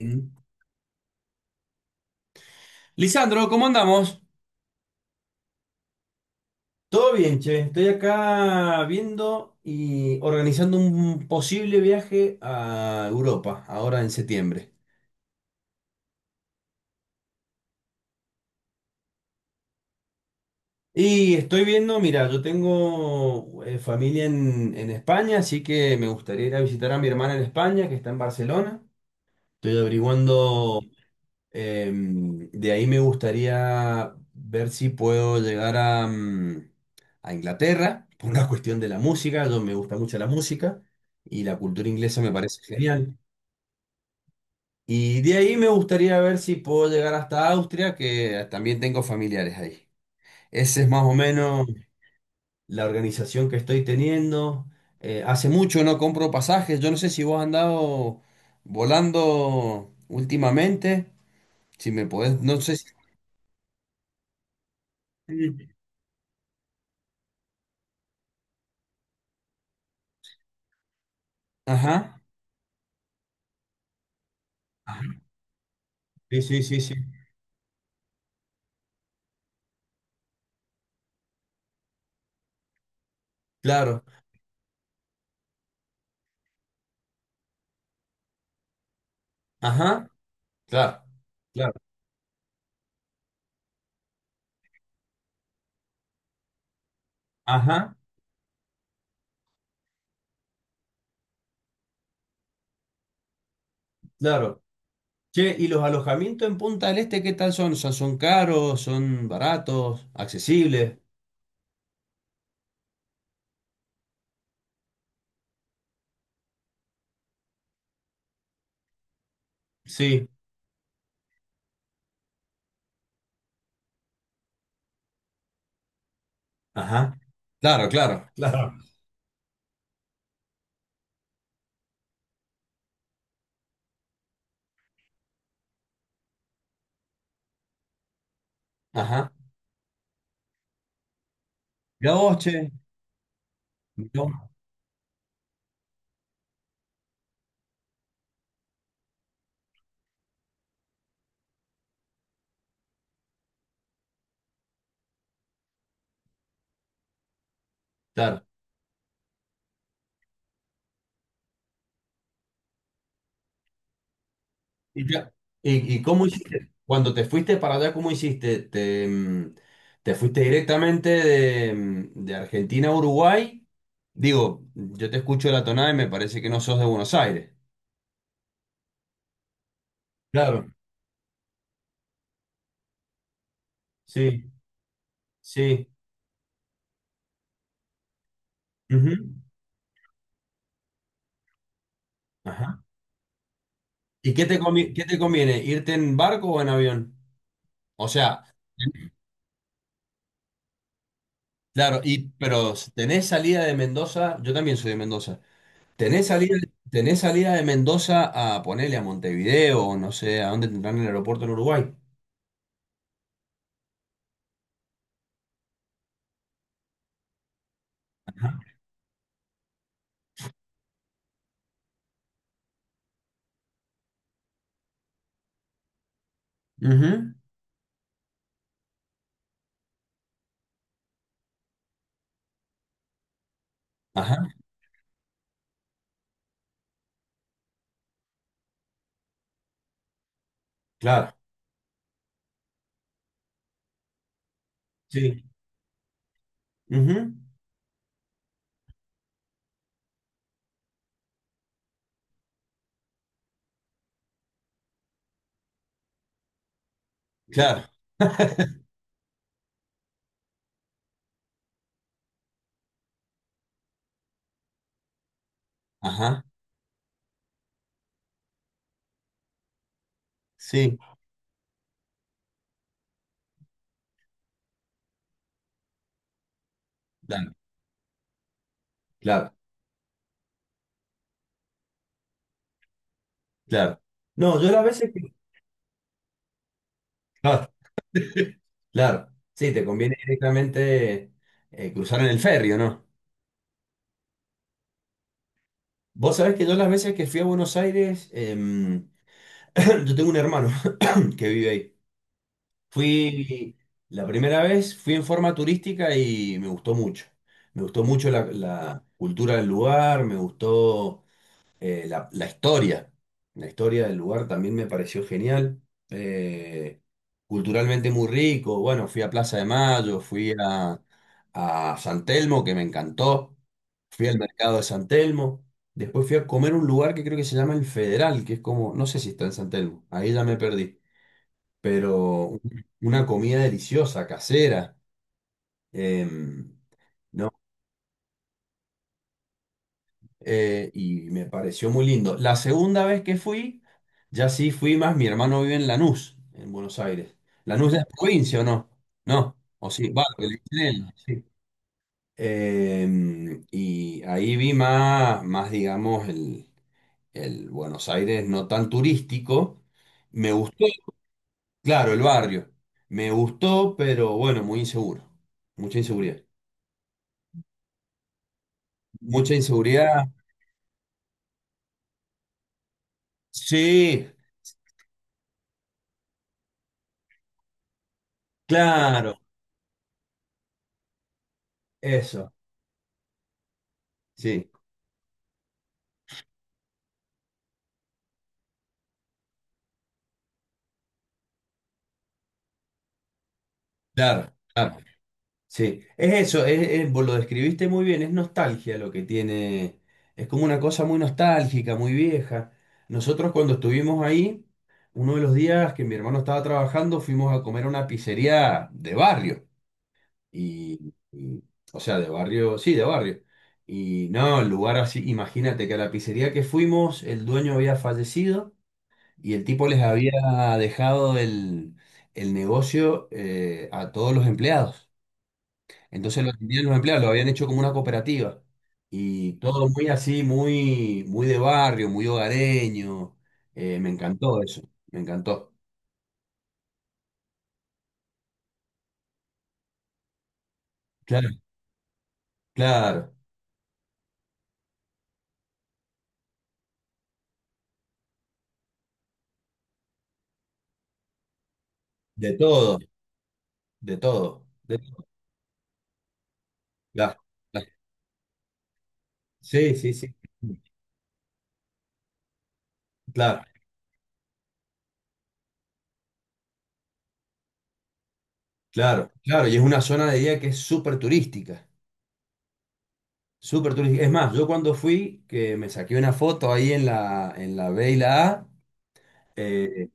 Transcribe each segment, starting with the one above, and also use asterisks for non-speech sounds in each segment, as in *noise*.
Mm. Lisandro, ¿cómo andamos? Todo bien, che. Estoy acá viendo y organizando un posible viaje a Europa, ahora en septiembre. Y estoy viendo, mira, yo tengo familia en España, así que me gustaría ir a visitar a mi hermana en España, que está en Barcelona. Estoy averiguando. De ahí me gustaría ver si puedo llegar a a Inglaterra *laughs* por una cuestión de la música. Yo me gusta mucho la música y la cultura inglesa me parece genial. Y de ahí me gustaría ver si puedo llegar hasta Austria, que también tengo familiares ahí. Esa es más o menos la organización que estoy teniendo. Hace mucho no compro pasajes. Yo no sé si vos has andado volando últimamente. Si me podés, no sé si... Ajá. Sí, sí, sí, sí. Claro. Ajá, claro, claro. Ajá, claro. Che, ¿y los alojamientos en Punta del Este qué tal son? ¿Son, son caros? ¿Son baratos? ¿Accesibles? Sí. Ajá. Claro, claro, claro. Ajá. Mirá vos, che. Mirá vos. Claro. ¿Y, ya- y cómo hiciste? Cuando te fuiste para allá, ¿cómo hiciste? ¿Te fuiste directamente de de Argentina a Uruguay? Digo, yo te escucho la tonada y me parece que no sos de Buenos Aires. Claro, sí, sí. Ujú. Ajá. ¿Y qué te convi- qué te conviene? ¿Irte en barco o en avión? O sea, claro, y pero tenés salida de Mendoza, yo también soy de Mendoza. ¿Tenés salida, ¿Tenés salida de Mendoza a ponerle a Montevideo o no sé, a dónde tendrán el aeropuerto en Uruguay? Ajá. Ujú. Ajá, claro. Sí. Ujú. Claro. *laughs* Ajá, sí, claro, claro, claro. No, yo las veces que... Claro, sí, te conviene directamente cruzar en el ferry, ¿o no? Vos sabés que yo las veces que fui a Buenos Aires, *clears throat* yo tengo un hermano *laughs* que vive ahí. Fui, la primera vez fui en forma turística y me gustó mucho. Me gustó mucho la cultura del lugar, me gustó la la historia del lugar también me pareció genial. eh, Culturalmente muy rico. Bueno, fui a Plaza de Mayo, fui a San Telmo, que me encantó. Fui al mercado de San Telmo. Después fui a comer un lugar que creo que se llama El Federal, que es como, no sé si está en San Telmo, ahí ya me perdí. Pero una comida deliciosa, casera. Eh, y me pareció muy lindo. La segunda vez que fui, ya sí fui más, mi hermano vive en Lanús, en Buenos Aires. ¿Lanús es provincia o no? No, o sí, va, lo que le dicen él, sí. Y ahí vi más, más digamos, el Buenos Aires no tan turístico. Me gustó, claro, el barrio. Me gustó, pero bueno, muy inseguro. Mucha inseguridad. Mucha inseguridad. Sí, claro, eso. Sí. Claro, claro. Sí, es eso, vos lo describiste muy bien, es nostalgia lo que tiene, es como una cosa muy nostálgica, muy vieja. Nosotros cuando estuvimos ahí, uno de los días que mi hermano estaba trabajando, fuimos a comer a una pizzería de barrio. Y, y- o sea, de barrio, sí, de barrio. Y no, el lugar así, imagínate que a la pizzería que fuimos, el dueño había fallecido y el tipo les había dejado el negocio a todos los empleados. Entonces lo atendían los empleados, lo habían hecho como una cooperativa. Y todo muy así, muy, muy de barrio, muy hogareño. Me encantó eso, me encantó. Claro, claro, de todo, de todo. Claro, claro. Sí, sí, sí. Claro, claro, claro. Y es una zona de día que es súper turística. Súper turística. Es más, yo cuando fui, que me saqué una foto ahí en en la B y la A, eh,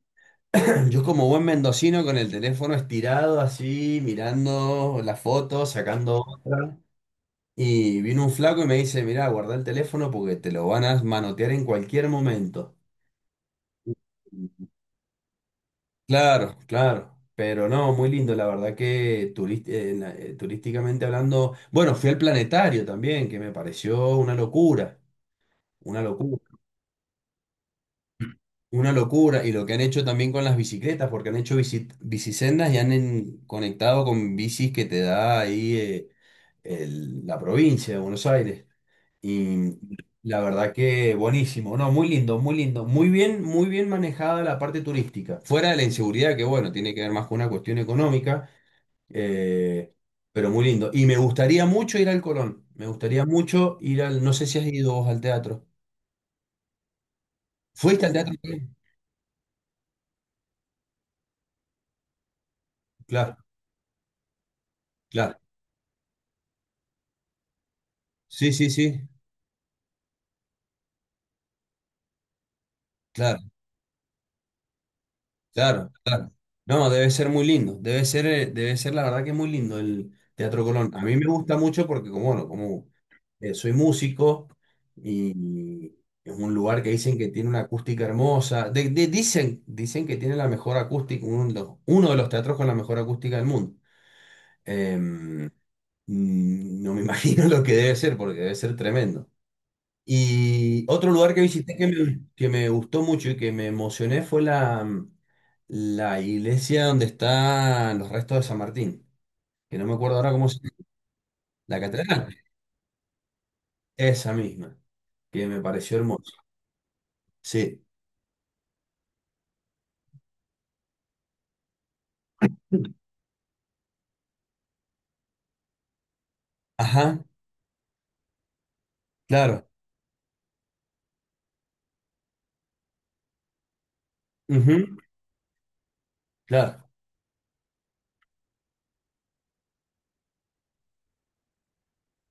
yo como buen mendocino con el teléfono estirado así, mirando la foto, sacando otra. Y vino un flaco y me dice, mirá, guarda el teléfono porque te lo van a manotear en cualquier momento. Claro, claro. Pero no, muy lindo, la verdad que turísticamente hablando, bueno, fui al planetario también, que me pareció una locura, una locura. Una locura, y lo que han hecho también con las bicicletas, porque han hecho bicisendas y han conectado con bicis que te da ahí la provincia de Buenos Aires. Y la verdad que buenísimo, no, muy lindo, muy lindo, muy bien manejada la parte turística. Fuera de la inseguridad, que bueno, tiene que ver más con una cuestión económica, eh, pero muy lindo. Y me gustaría mucho ir al Colón, me gustaría mucho ir al, no sé si has ido vos al teatro. ¿Fuiste al teatro también? Claro, claro. Sí, sí, sí, claro. Claro, claro. No, debe ser muy lindo. Debe ser la verdad que muy lindo el Teatro Colón. A mí me gusta mucho porque, como, bueno, como soy músico y es un lugar que dicen que tiene una acústica hermosa. Dicen, dicen que tiene la mejor acústica, uno de los teatros con la mejor acústica del mundo. Em, no me *laughs* imagino lo que debe ser porque debe ser tremendo. Y otro lugar que visité que me gustó mucho y que me emocioné fue la la iglesia donde están los restos de San Martín, que no me acuerdo ahora cómo se llama. La catedral, esa misma, que me pareció hermosa. Sí. Ajá, claro. Ujú, claro.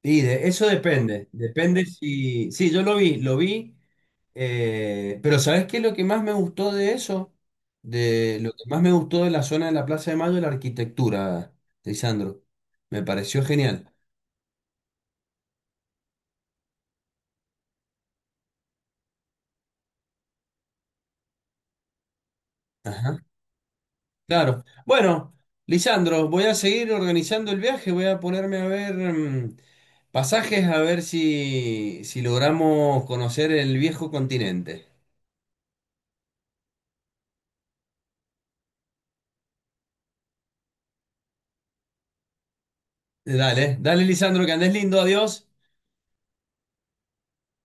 Y de, eso depende, depende si... Sí, yo lo vi, pero ¿sabes qué es lo que más me gustó de eso? De lo que más me gustó de la zona de la Plaza de Mayo, la arquitectura, Lisandro. Me pareció genial. Ajá, claro. Bueno, Lisandro, voy a seguir organizando el viaje, voy a ponerme a ver pasajes, a ver si, si logramos conocer el viejo continente. Dale, dale, Lisandro, que andes lindo, adiós.